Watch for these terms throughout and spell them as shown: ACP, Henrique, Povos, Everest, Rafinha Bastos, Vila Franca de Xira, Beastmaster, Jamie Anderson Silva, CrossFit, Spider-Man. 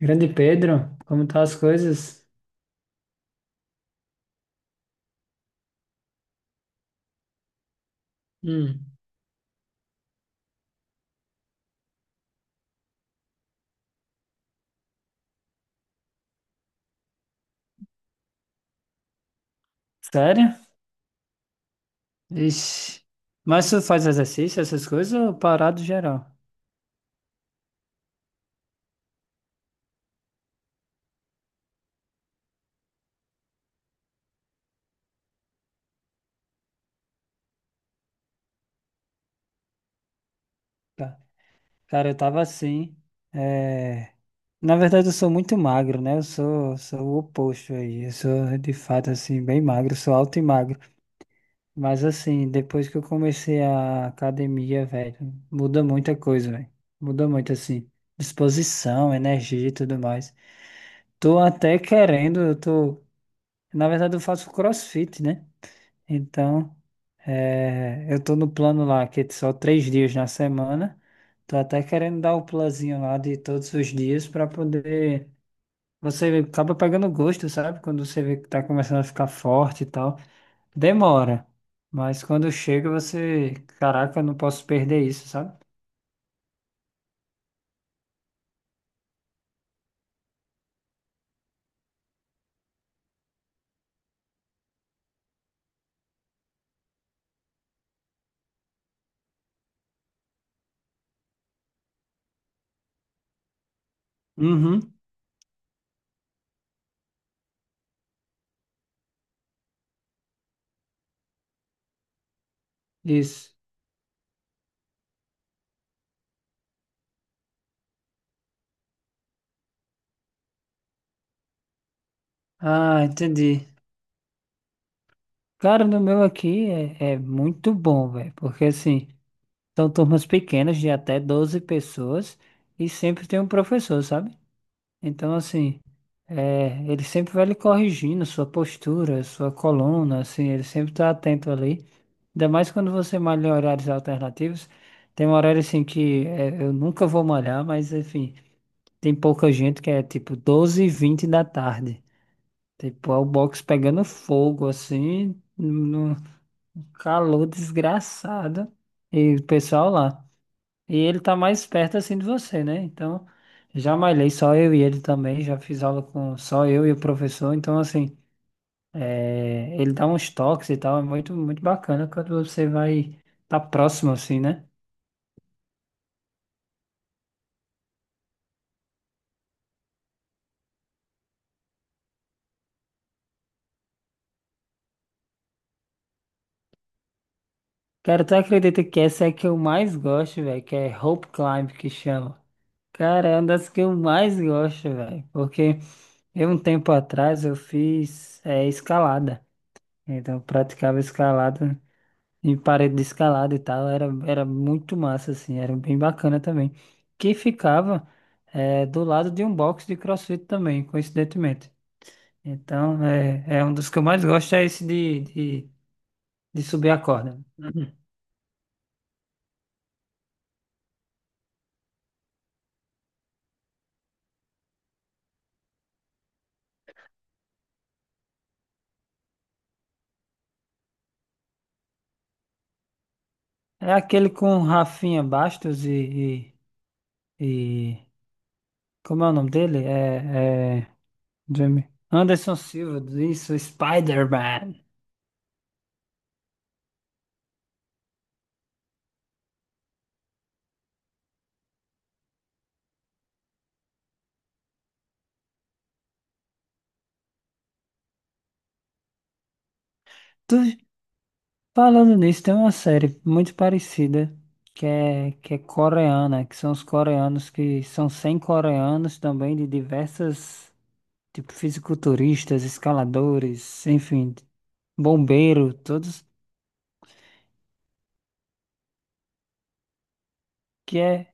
Grande Pedro, como tá as coisas? Hum, sério? Ixi. Mas tu faz exercício, essas coisas, ou parado geral? Tá. Cara, eu tava assim. é, Na verdade, eu sou muito magro, né? Eu sou o oposto aí. Eu sou, de fato, assim, bem magro. Sou alto e magro. Mas, assim, depois que eu comecei a academia, velho, muda muita coisa, velho. Muda muito, assim. Disposição, energia e tudo mais. Tô até querendo, eu tô. Na verdade, eu faço CrossFit, né? Então, eu tô no plano lá, que é só 3 dias na semana. Tô até querendo dar o plazinho lá de todos os dias para poder. Você acaba pegando gosto, sabe? Quando você vê que tá começando a ficar forte e tal. Demora. Mas quando chega, você. Caraca, eu não posso perder isso, sabe? Uhum, isso. Ah, entendi. Cara, no meu aqui é muito bom, velho. Porque assim. São turmas pequenas de até 12 pessoas e sempre tem um professor, sabe? Então, assim, ele sempre vai lhe corrigindo sua postura, sua coluna, assim, ele sempre está atento ali. Ainda mais quando você malha em horários alternativos. Tem um horário, assim, que é, eu nunca vou malhar, mas, enfim, tem pouca gente que é, tipo, 12 e 20 da tarde. Tipo, é o box pegando fogo, assim, no calor desgraçado. E o pessoal lá. E ele tá mais perto assim de você, né? Então, já malhei só eu e ele também, já fiz aula com só eu e o professor, então assim, ele dá uns toques e tal, é muito, muito bacana quando você vai tá próximo assim, né? Cara, tu acredita que essa é a que eu mais gosto, velho, que é rope climb que chama. Cara, é uma das que eu mais gosto, velho, porque eu um tempo atrás eu fiz escalada, então eu praticava escalada em parede de escalada e tal, era muito massa, assim, era bem bacana também. Que ficava do lado de um box de CrossFit também, coincidentemente. Então, é um dos que eu mais gosto, é esse de subir a corda. Uhum. É aquele com Rafinha Bastos e, e- Como é o nome dele? É Anderson Silva, isso, Spider-Man. Falando nisso, tem uma série muito parecida que é coreana, que são os coreanos que são 100 coreanos também de diversas, tipo, fisiculturistas, escaladores, enfim, bombeiro, todos que é,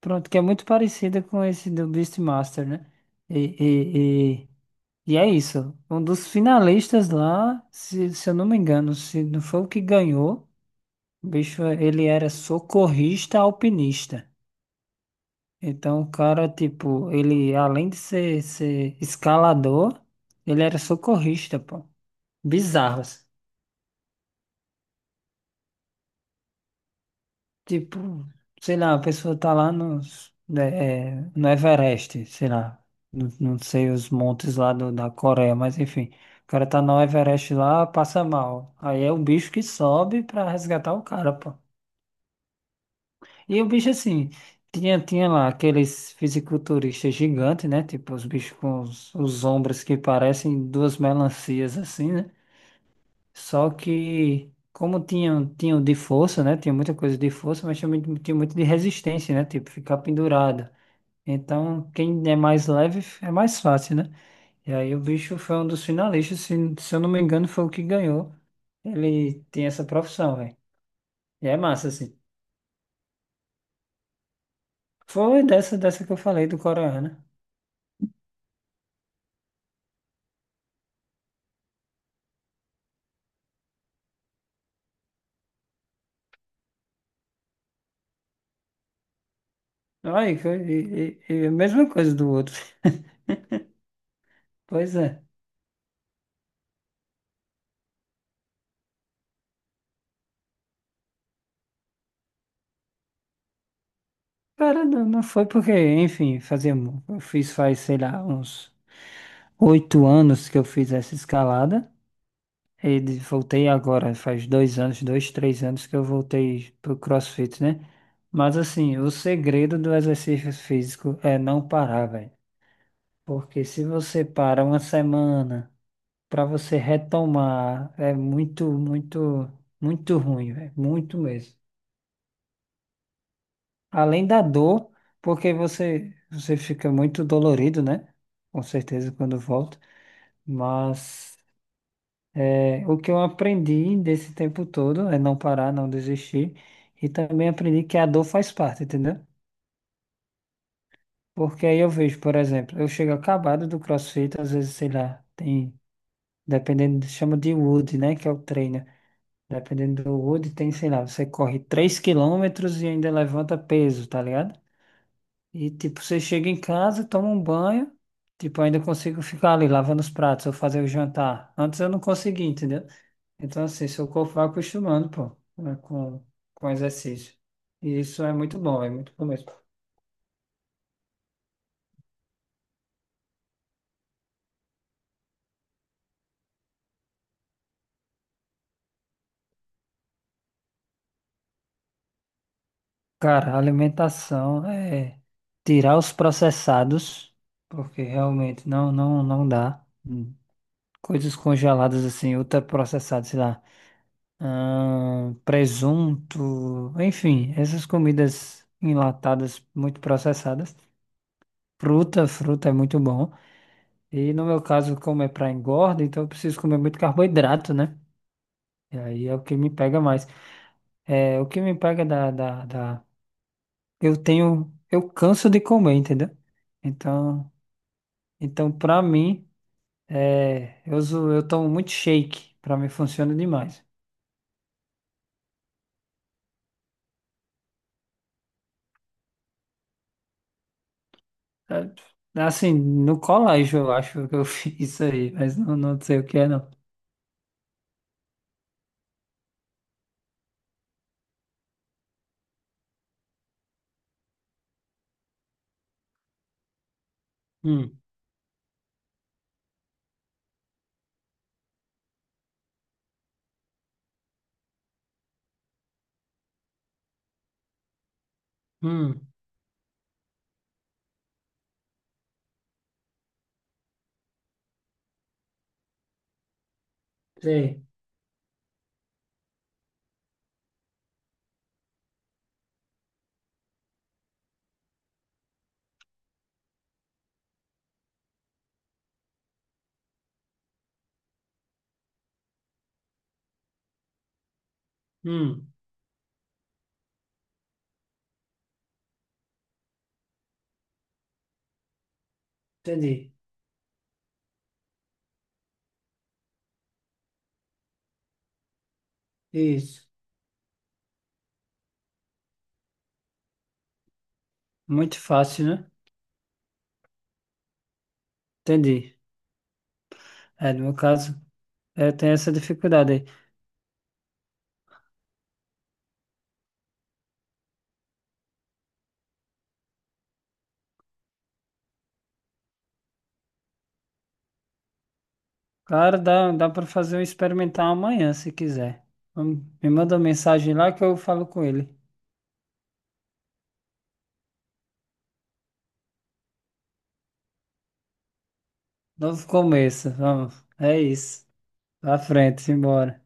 pronto, que é muito parecida com esse do Beastmaster, né? E, e, e, e é isso. Um dos finalistas lá, se eu não me engano, se não foi o que ganhou, o bicho, ele era socorrista alpinista. Então, o cara, tipo, ele além de ser escalador, ele era socorrista, pô. Bizarro, assim. Tipo, sei lá, a pessoa tá lá nos, né, no Everest, sei lá. Não, não sei os montes lá da Coreia, mas enfim. O cara tá no Everest lá, passa mal. Aí é o bicho que sobe pra resgatar o cara, pô. E o bicho assim, tinha lá aqueles fisiculturistas gigantes, né? Tipo, os bichos com os ombros que parecem duas melancias assim, né? Só que, como tinham de força, né? Tinha muita coisa de força, mas também tinha muito de resistência, né? Tipo, ficar pendurado. Então, quem é mais leve é mais fácil, né? E aí o bicho foi um dos finalistas, se eu não me engano, foi o que ganhou. Ele tem essa profissão, velho. E é massa, assim. Foi dessa que eu falei do Coreano, né? Ai, e a mesma coisa do outro. Pois é. Cara, não, não foi porque, enfim, eu fiz faz, sei lá, uns 8 anos que eu fiz essa escalada. E voltei agora, faz 2 anos, dois, 3 anos que eu voltei pro CrossFit, né? Mas assim, o segredo do exercício físico é não parar, velho. Porque se você para uma semana, para você retomar, é muito, muito, muito ruim, velho. Muito mesmo. Além da dor, porque você fica muito dolorido, né? Com certeza quando volta. Mas o que eu aprendi desse tempo todo é não parar, não desistir. E também aprendi que a dor faz parte, entendeu? Porque aí eu vejo, por exemplo, eu chego acabado do CrossFit, às vezes, sei lá, tem, dependendo, chama de wood, né? Que é o treino. Dependendo do wood tem, sei lá, você corre 3 quilômetros e ainda levanta peso, tá ligado? E, tipo, você chega em casa, toma um banho, tipo, ainda consigo ficar ali lavando os pratos ou fazer o jantar. Antes eu não conseguia, entendeu? Então, assim, seu corpo vai acostumando, pô, né, com exercício. E isso é muito bom mesmo. Cara, alimentação é tirar os processados, porque realmente não, não, não dá. Hum. Coisas congeladas, assim, ultraprocessadas, sei lá. Ah, presunto, enfim, essas comidas enlatadas muito processadas. Fruta, fruta é muito bom. E no meu caso, como é para engorda, então eu preciso comer muito carboidrato, né? E aí é o que me pega mais. É, o que me pega da. Eu canso de comer, entendeu? Então, para mim, eu tomo muito shake, para mim funciona demais. É, assim, no colégio eu acho que eu fiz isso aí, mas não, não sei o que é, não. Hum, hum, sei. Hum, entendi. Isso. Muito fácil, né? Entendi. É, no meu caso, eu tenho essa dificuldade aí. Cara, dá para fazer um experimental amanhã, se quiser. Me manda uma mensagem lá que eu falo com ele. Novo começo, vamos. É isso. Pra frente, simbora.